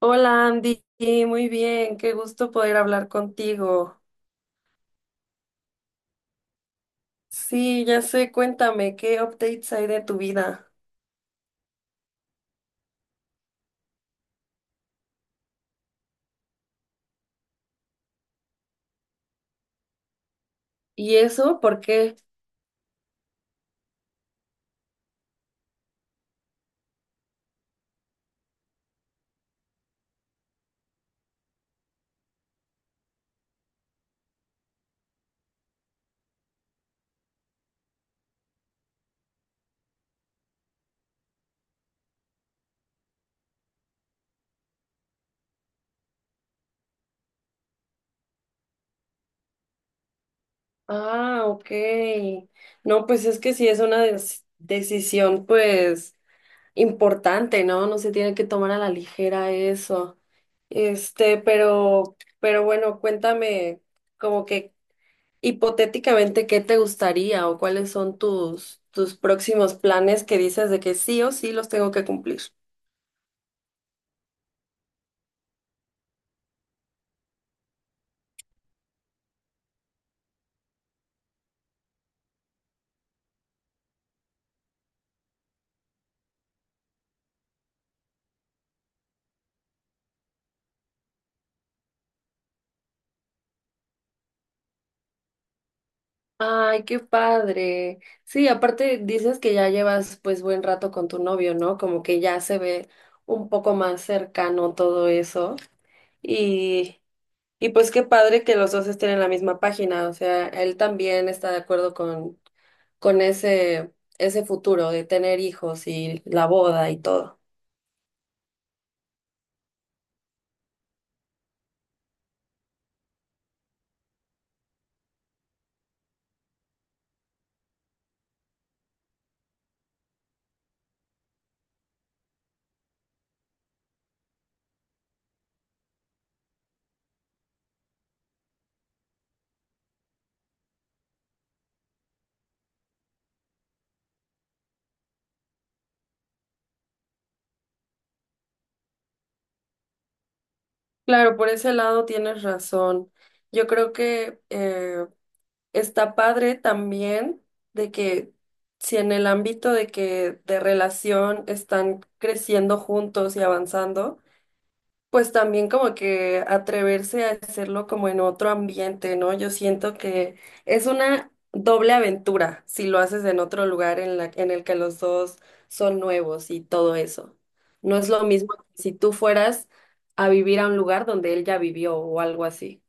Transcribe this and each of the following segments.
Hola Andy, muy bien, qué gusto poder hablar contigo. Sí, ya sé, cuéntame, ¿qué updates hay de tu vida? ¿Y eso por qué? Ah, ok. No, pues es que sí es una decisión, pues, importante, ¿no? No se tiene que tomar a la ligera eso. Este, pero, pero bueno, cuéntame, como que hipotéticamente, ¿qué te gustaría o cuáles son tus próximos planes que dices de que sí o sí los tengo que cumplir? Ay, qué padre. Sí, aparte dices que ya llevas pues buen rato con tu novio, ¿no? Como que ya se ve un poco más cercano todo eso. Y, y pues qué padre que los dos estén en la misma página. O sea, él también está de acuerdo con ese futuro de tener hijos y la boda y todo. Claro, por ese lado tienes razón. Yo creo que está padre también de que si en el ámbito de que de relación están creciendo juntos y avanzando, pues también como que atreverse a hacerlo como en otro ambiente, ¿no? Yo siento que es una doble aventura si lo haces en otro lugar en la, en el que los dos son nuevos y todo eso. No es lo mismo que si tú fueras a vivir a un lugar donde él ya vivió o algo así.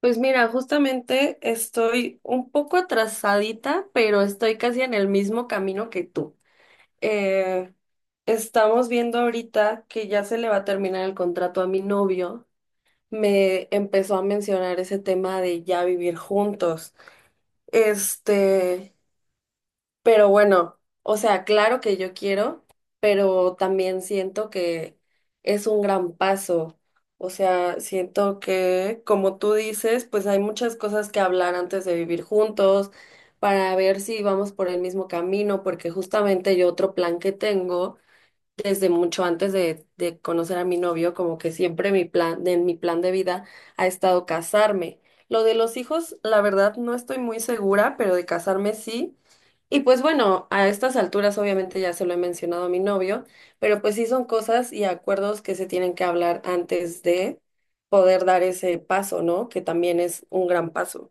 Pues mira, justamente estoy un poco atrasadita, pero estoy casi en el mismo camino que tú. eh, Estamos viendo ahorita que ya se le va a terminar el contrato a mi novio. Me empezó a mencionar ese tema de ya vivir juntos. Este, pero bueno, o sea, claro que yo quiero, pero también siento que es un gran paso. O sea, siento que, como tú dices, pues hay muchas cosas que hablar antes de vivir juntos para ver si vamos por el mismo camino, porque justamente yo otro plan que tengo desde mucho antes de conocer a mi novio, como que siempre mi plan, en mi plan de vida ha estado casarme. Lo de los hijos, la verdad, no estoy muy segura, pero de casarme sí. Y pues bueno, a estas alturas obviamente ya se lo he mencionado a mi novio, pero pues sí son cosas y acuerdos que se tienen que hablar antes de poder dar ese paso, ¿no? Que también es un gran paso.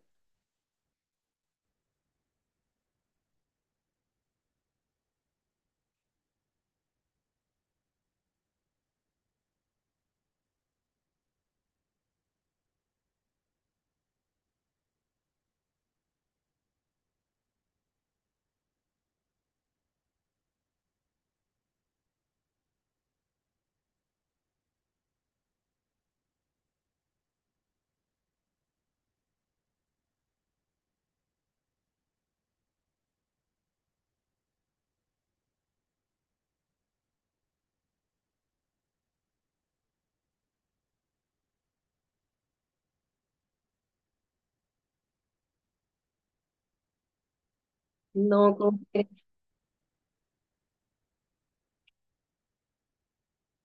No.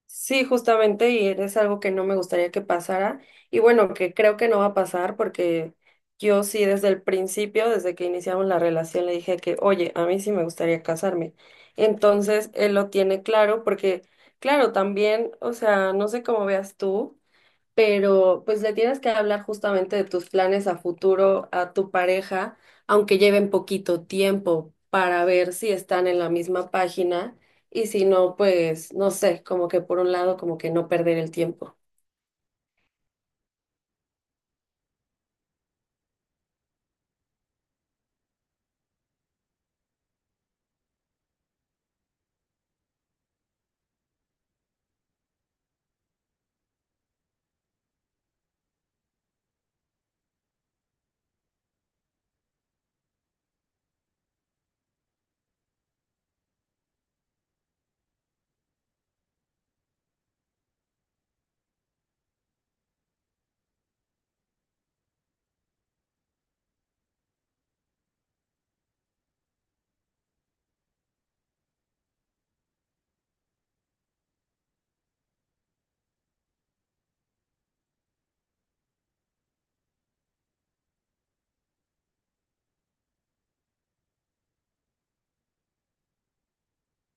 Sí, justamente, y es algo que no me gustaría que pasara. Y bueno, que creo que no va a pasar porque yo sí desde el principio, desde que iniciamos la relación, le dije que, oye, a mí sí me gustaría casarme. Entonces, él lo tiene claro porque, claro, también, o sea, no sé cómo veas tú, pero pues le tienes que hablar justamente de tus planes a futuro a tu pareja, aunque lleven poquito tiempo para ver si están en la misma página y si no, pues no sé, como que por un lado, como que no perder el tiempo.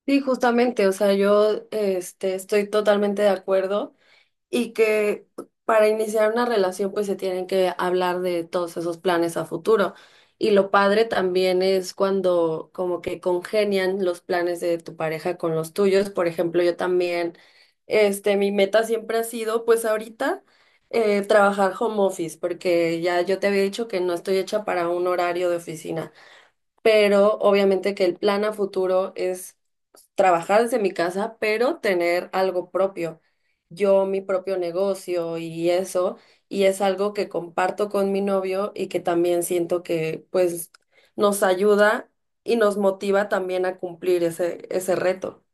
Sí, justamente, o sea, yo estoy totalmente de acuerdo. Y que para iniciar una relación pues se tienen que hablar de todos esos planes a futuro. Y lo padre también es cuando como que congenian los planes de tu pareja con los tuyos. Por ejemplo, yo también, mi meta siempre ha sido pues ahorita trabajar home office, porque ya yo te había dicho que no estoy hecha para un horario de oficina, pero obviamente que el plan a futuro es trabajar desde mi casa, pero tener algo propio. Yo, mi propio negocio y eso, y es algo que comparto con mi novio y que también siento que pues nos ayuda y nos motiva también a cumplir ese reto.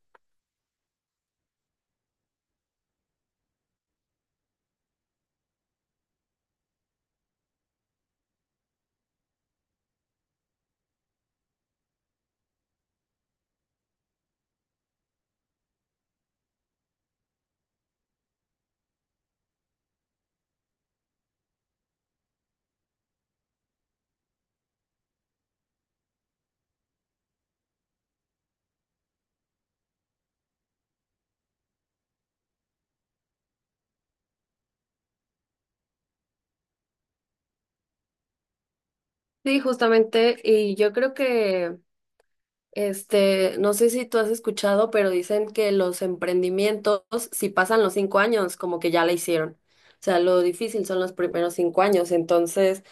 Sí, justamente, y yo creo que no sé si tú has escuchado, pero dicen que los emprendimientos, si pasan los 5 años, como que ya la hicieron. O sea, lo difícil son los primeros 5 años, entonces,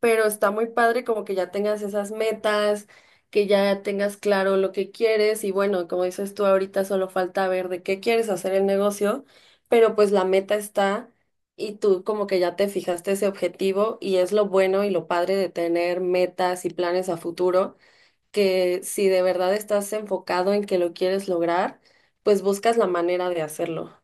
pero está muy padre como que ya tengas esas metas, que ya tengas claro lo que quieres y bueno, como dices tú ahorita, solo falta ver de qué quieres hacer el negocio, pero pues la meta está y tú como que ya te fijaste ese objetivo y es lo bueno y lo padre de tener metas y planes a futuro que si de verdad estás enfocado en que lo quieres lograr, pues buscas la manera de hacerlo.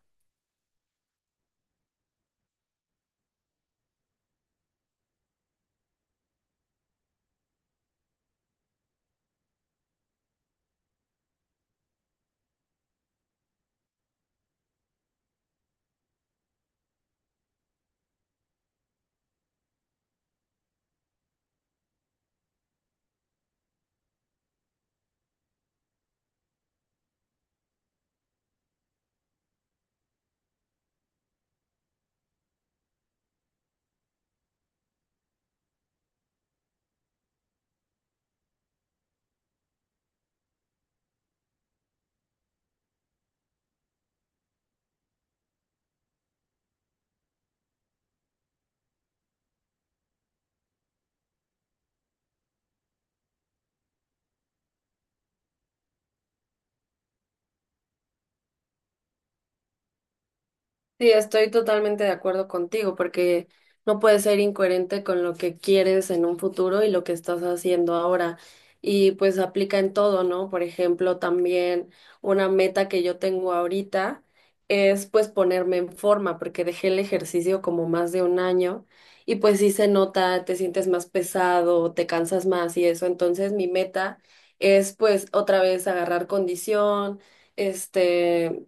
Sí, estoy totalmente de acuerdo contigo, porque no puedes ser incoherente con lo que quieres en un futuro y lo que estás haciendo ahora. Y pues aplica en todo, ¿no? Por ejemplo, también una meta que yo tengo ahorita es pues ponerme en forma, porque dejé el ejercicio como más de un año y pues sí se nota, te sientes más pesado, te cansas más y eso. Entonces mi meta es pues otra vez agarrar condición, este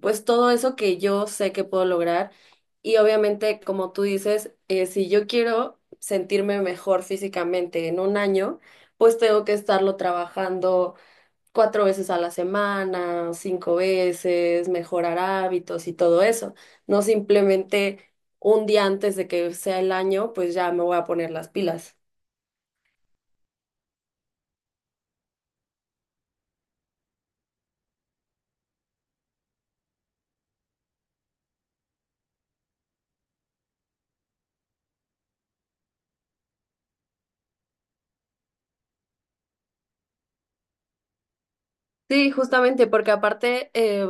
pues todo eso que yo sé que puedo lograr. Y obviamente, como tú dices, si yo quiero sentirme mejor físicamente en un año, pues tengo que estarlo trabajando cuatro veces a la semana, cinco veces, mejorar hábitos y todo eso. No simplemente un día antes de que sea el año, pues ya me voy a poner las pilas. Sí, justamente, porque aparte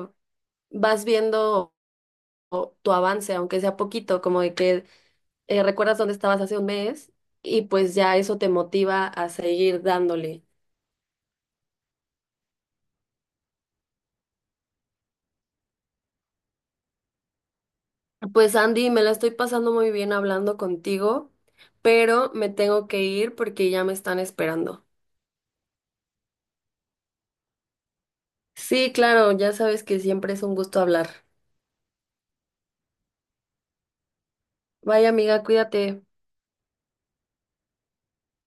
vas viendo tu avance, aunque sea poquito, como de que recuerdas dónde estabas hace un mes y pues ya eso te motiva a seguir dándole. Pues Andy, me la estoy pasando muy bien hablando contigo, pero me tengo que ir porque ya me están esperando. Sí, claro, ya sabes que siempre es un gusto hablar. Vaya amiga, cuídate.